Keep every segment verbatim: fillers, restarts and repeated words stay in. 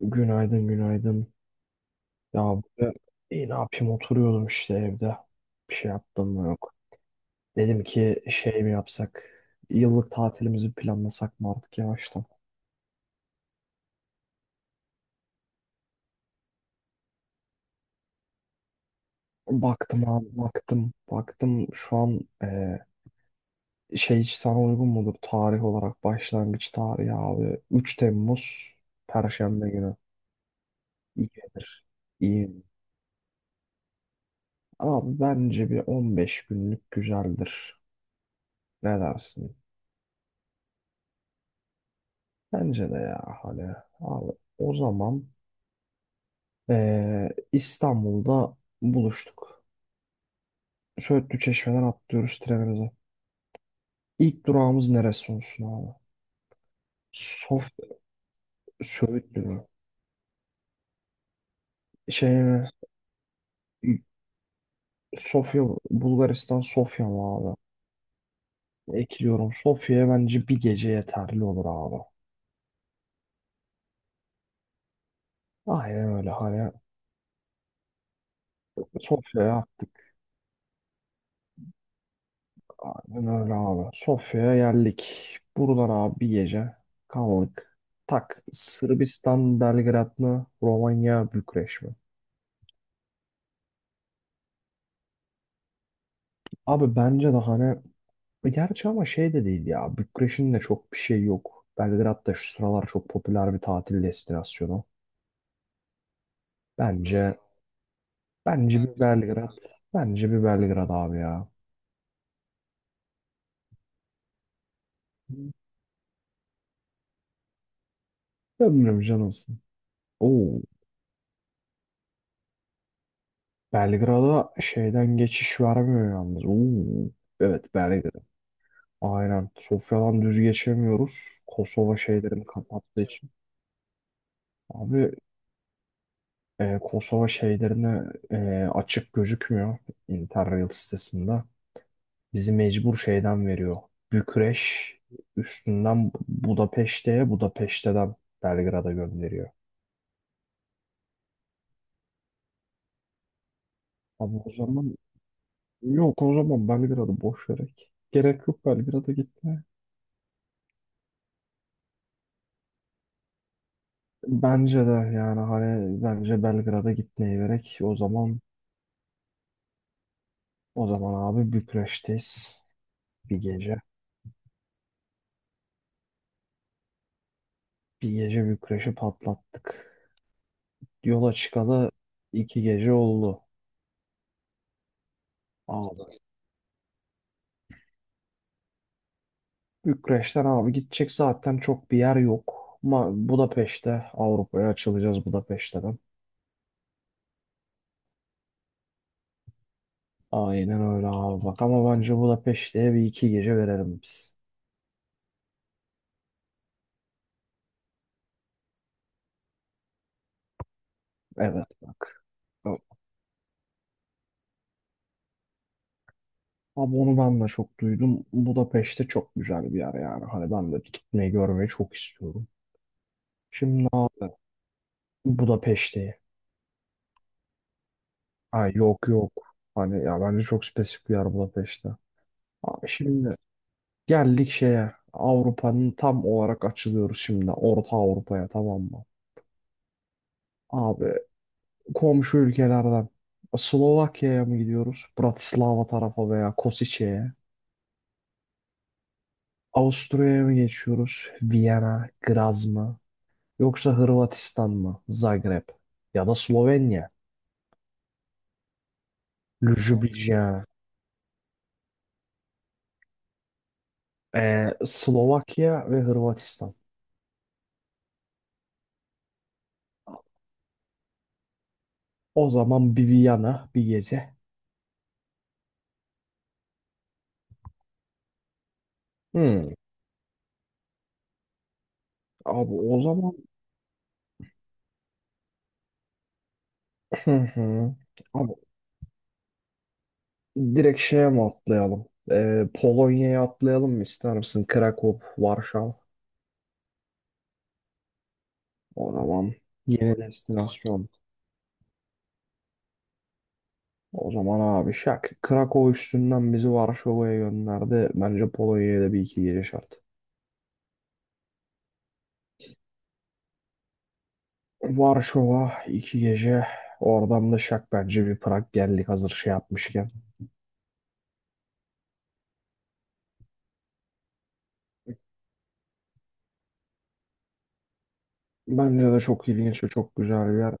Günaydın, günaydın. Ya burada iyi ne yapayım oturuyordum işte evde. Bir şey yaptım mı yok. Dedim ki şey mi yapsak? Yıllık tatilimizi planlasak mı artık yavaştan? Baktım abi baktım. Baktım şu an e, şey hiç sana uygun mudur tarih olarak başlangıç tarihi abi. üç Temmuz Perşembe günü. İyi gelir. İyi. Abi bence bir on beş günlük güzeldir. Ne dersin? Bence de ya hani abi o zaman Ee, İstanbul'da buluştuk. Söğütlü Çeşme'den atlıyoruz trenimize. İlk durağımız neresi olsun abi? Sof Söğütlü mü? Şey mi? Sofya, Bulgaristan Sofya mı abi? Ekliyorum. Sofya'ya bence bir gece yeterli olur abi. Aynen öyle hani. Sofya'ya attık. Aynen öyle abi. Sofya'ya geldik. Buradan abi bir gece kaldık. Tak. Sırbistan, Belgrad mı? Romanya, Bükreş mi? Abi bence de hani e, gerçi ama şey de değil ya. Bükreş'in de çok bir şey yok. Belgrad da şu sıralar çok popüler bir tatil destinasyonu. Bence bence bir Belgrad. Bence bir Belgrad abi ya. Ömrüm canımsın. Oo, Belgrad'a şeyden geçiş vermiyor yalnız. Oo, evet Belgrad. Aynen. Sofya'dan düz geçemiyoruz. Kosova şeylerini kapattığı için. Abi e, Kosova şeylerine e, açık gözükmüyor Interrail sitesinde. Bizi mecbur şeyden veriyor. Bükreş üstünden Budapeşte'ye, Budapeşte'den Belgrad'a gönderiyor. Abi o zaman yok o zaman Belgrad'ı boş vererek. Gerek yok Belgrad'a gitmeye. Bence de yani hani bence Belgrad'a gitmeyi gerek. O zaman o zaman abi Bükreş'teyiz bir gece. Bir gece Bükreş'i patlattık. Yola çıkalı iki gece oldu. Abi Bükreş'ten abi gidecek zaten çok bir yer yok. Ma Budapeşte Avrupa'ya açılacağız Budapeşte'den. Aynen öyle abi bak ama bence Budapeşte'ye bir iki gece verelim biz. Evet bak. Abi onu ben de çok duydum. Budapeşte çok güzel bir yer yani. Hani ben de gitmeyi görmeyi çok istiyorum. Şimdi abi Budapeşte'yi. Ay yok yok. Hani ya bence çok spesifik bir yer Budapeşte. Abi şimdi geldik şeye. Avrupa'nın tam olarak açılıyoruz şimdi. Orta Avrupa'ya tamam mı? Abi komşu ülkelerden Slovakya'ya mı gidiyoruz? Bratislava tarafa veya Kosice'ye. Avusturya'ya mı geçiyoruz? Viyana, Graz mı? Yoksa Hırvatistan mı? Zagreb. Ya da Slovenya. Ljubljana. Ee, Slovakya ve Hırvatistan. O zaman bir Viyana bir gece. Hmm. Abi o zaman. Hı hı. Abi direkt şeye mi atlayalım? Ee, Polonya'ya atlayalım mı ister misin? Krakow, Varşova. O zaman yeni destinasyon. O zaman abi şak. Krakow üstünden bizi Varşova'ya gönderdi. Bence Polonya'ya da bir iki gece şart. Varşova iki gece. Oradan da şak bence bir Prag geldik hazır şey yapmışken. Bence de çok ilginç ve çok güzel bir yer.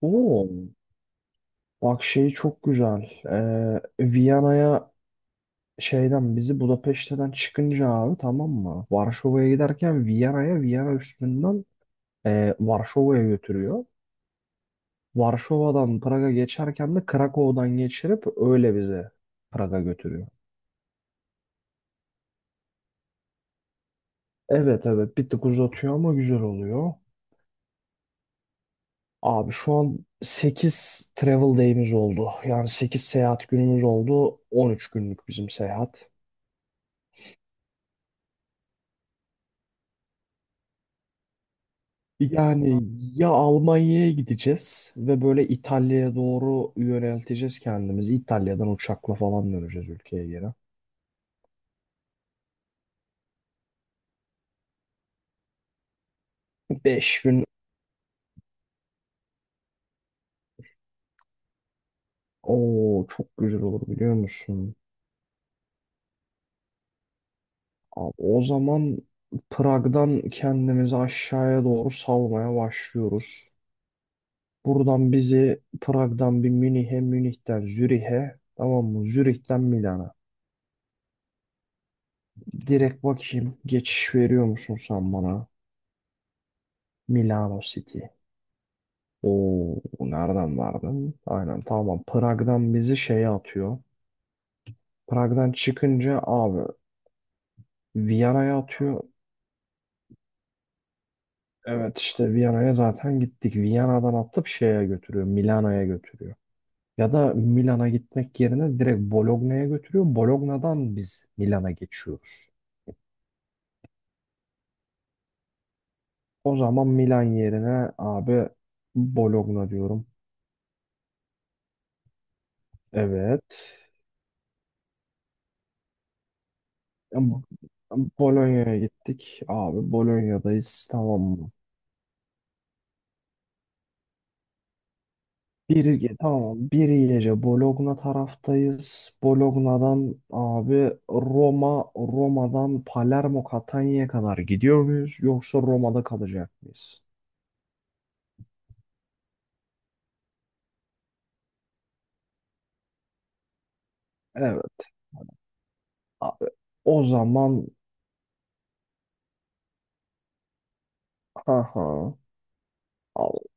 Oo, bak şey çok güzel. Ee, Viyana'ya şeyden bizi Budapeşte'den çıkınca abi tamam mı? Varşova'ya giderken Viyana'ya Viyana üstünden e, Varşova'ya götürüyor. Varşova'dan Praga geçerken de Krakow'dan geçirip öyle bizi Praga götürüyor. Evet evet bir tık uzatıyor ama güzel oluyor. Abi şu an sekiz travel day'imiz oldu. Yani sekiz seyahat günümüz oldu. On üç günlük bizim seyahat. Yani ya Almanya'ya gideceğiz ve böyle İtalya'ya doğru yönelteceğiz kendimizi. İtalya'dan uçakla falan döneceğiz ülkeye geri. Beş gün o çok güzel olur biliyor musun? Abi o zaman Prag'dan kendimizi aşağıya doğru salmaya başlıyoruz. Buradan bizi Prag'dan bir Münih'e, Münih'ten Zürih'e, tamam mı? Zürih'ten Milana. Direkt bakayım geçiş veriyor musun sen bana? Milano City. Oo, nereden verdin? Aynen tamam. Prag'dan bizi şeye atıyor. Prag'dan çıkınca abi Viyana'ya atıyor. Evet işte Viyana'ya zaten gittik. Viyana'dan atıp şeye götürüyor. Milano'ya götürüyor. Ya da Milan'a gitmek yerine direkt Bologna'ya götürüyor. Bologna'dan biz Milan'a geçiyoruz. O zaman Milan yerine abi Bologna diyorum. Evet. Tamam. Bologna'ya gittik. Abi Bolonya'dayız. Tamam mı? Bir, tamam bir gece Bologna taraftayız. Bologna'dan abi Roma, Roma'dan Palermo, Catania'ya kadar gidiyor muyuz? Yoksa Roma'da kalacak mıyız? Evet abi. O zaman. Aha. Al-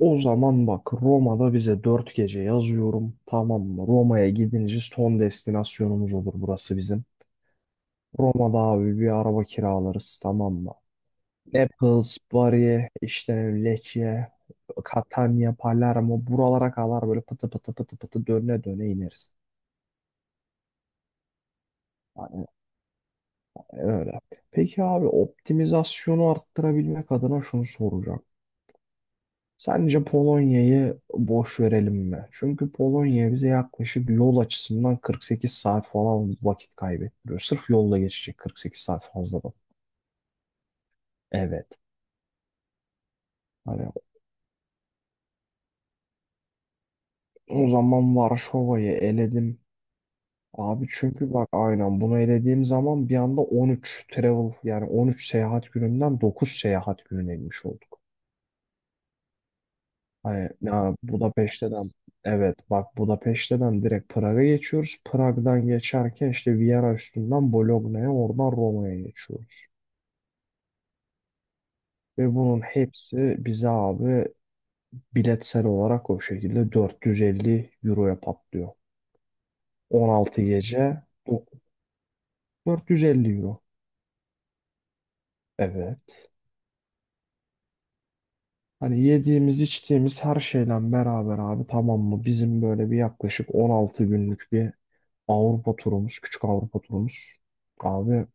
O zaman bak Roma'da bize dört gece yazıyorum. Tamam mı? Roma'ya gidince son destinasyonumuz olur burası bizim. Roma'da abi bir araba kiralarız tamam mı? Naples, Bari, işte Lecce, Catania, Palermo buralara kadar böyle pıtı pıtı pıtı pıtı döne döne ineriz. Yani öyle. Peki abi optimizasyonu arttırabilmek adına şunu soracağım. Sence Polonya'yı boş verelim mi? Çünkü Polonya bize yaklaşık yol açısından kırk sekiz saat falan vakit kaybettiriyor. Sırf yolla geçecek kırk sekiz saat fazladan. Evet. Hani o zaman Varşova'yı eledim. Abi çünkü bak aynen bunu elediğim zaman bir anda on üç travel yani on üç seyahat gününden dokuz seyahat gününe inmiş olduk. Hani ya Budapeşte'den evet bak Budapeşte'den direkt Prag'a geçiyoruz. Prag'dan geçerken işte Viyana üstünden Bologna'ya oradan Roma'ya geçiyoruz. Ve bunun hepsi bize abi biletsel olarak o şekilde dört yüz elli euroya patlıyor. on altı gece dok- dört yüz elli euro. Evet. Hani yediğimiz içtiğimiz her şeyle beraber abi tamam mı? Bizim böyle bir yaklaşık on altı günlük bir Avrupa turumuz, küçük Avrupa turumuz. Abi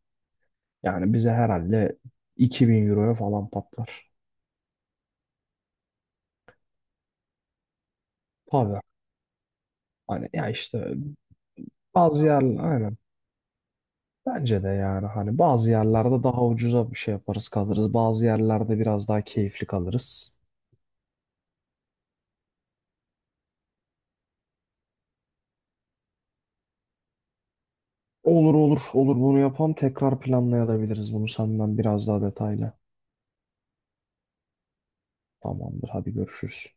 yani bize herhalde iki bin euroya falan patlar. Tabii. Hani ya işte bazı yerler aynen. Bence de yani hani bazı yerlerde daha ucuza bir şey yaparız kalırız. Bazı yerlerde biraz daha keyifli kalırız. Olur olur olur bunu yapalım. Tekrar planlayabiliriz bunu senden biraz daha detaylı. Tamamdır hadi görüşürüz.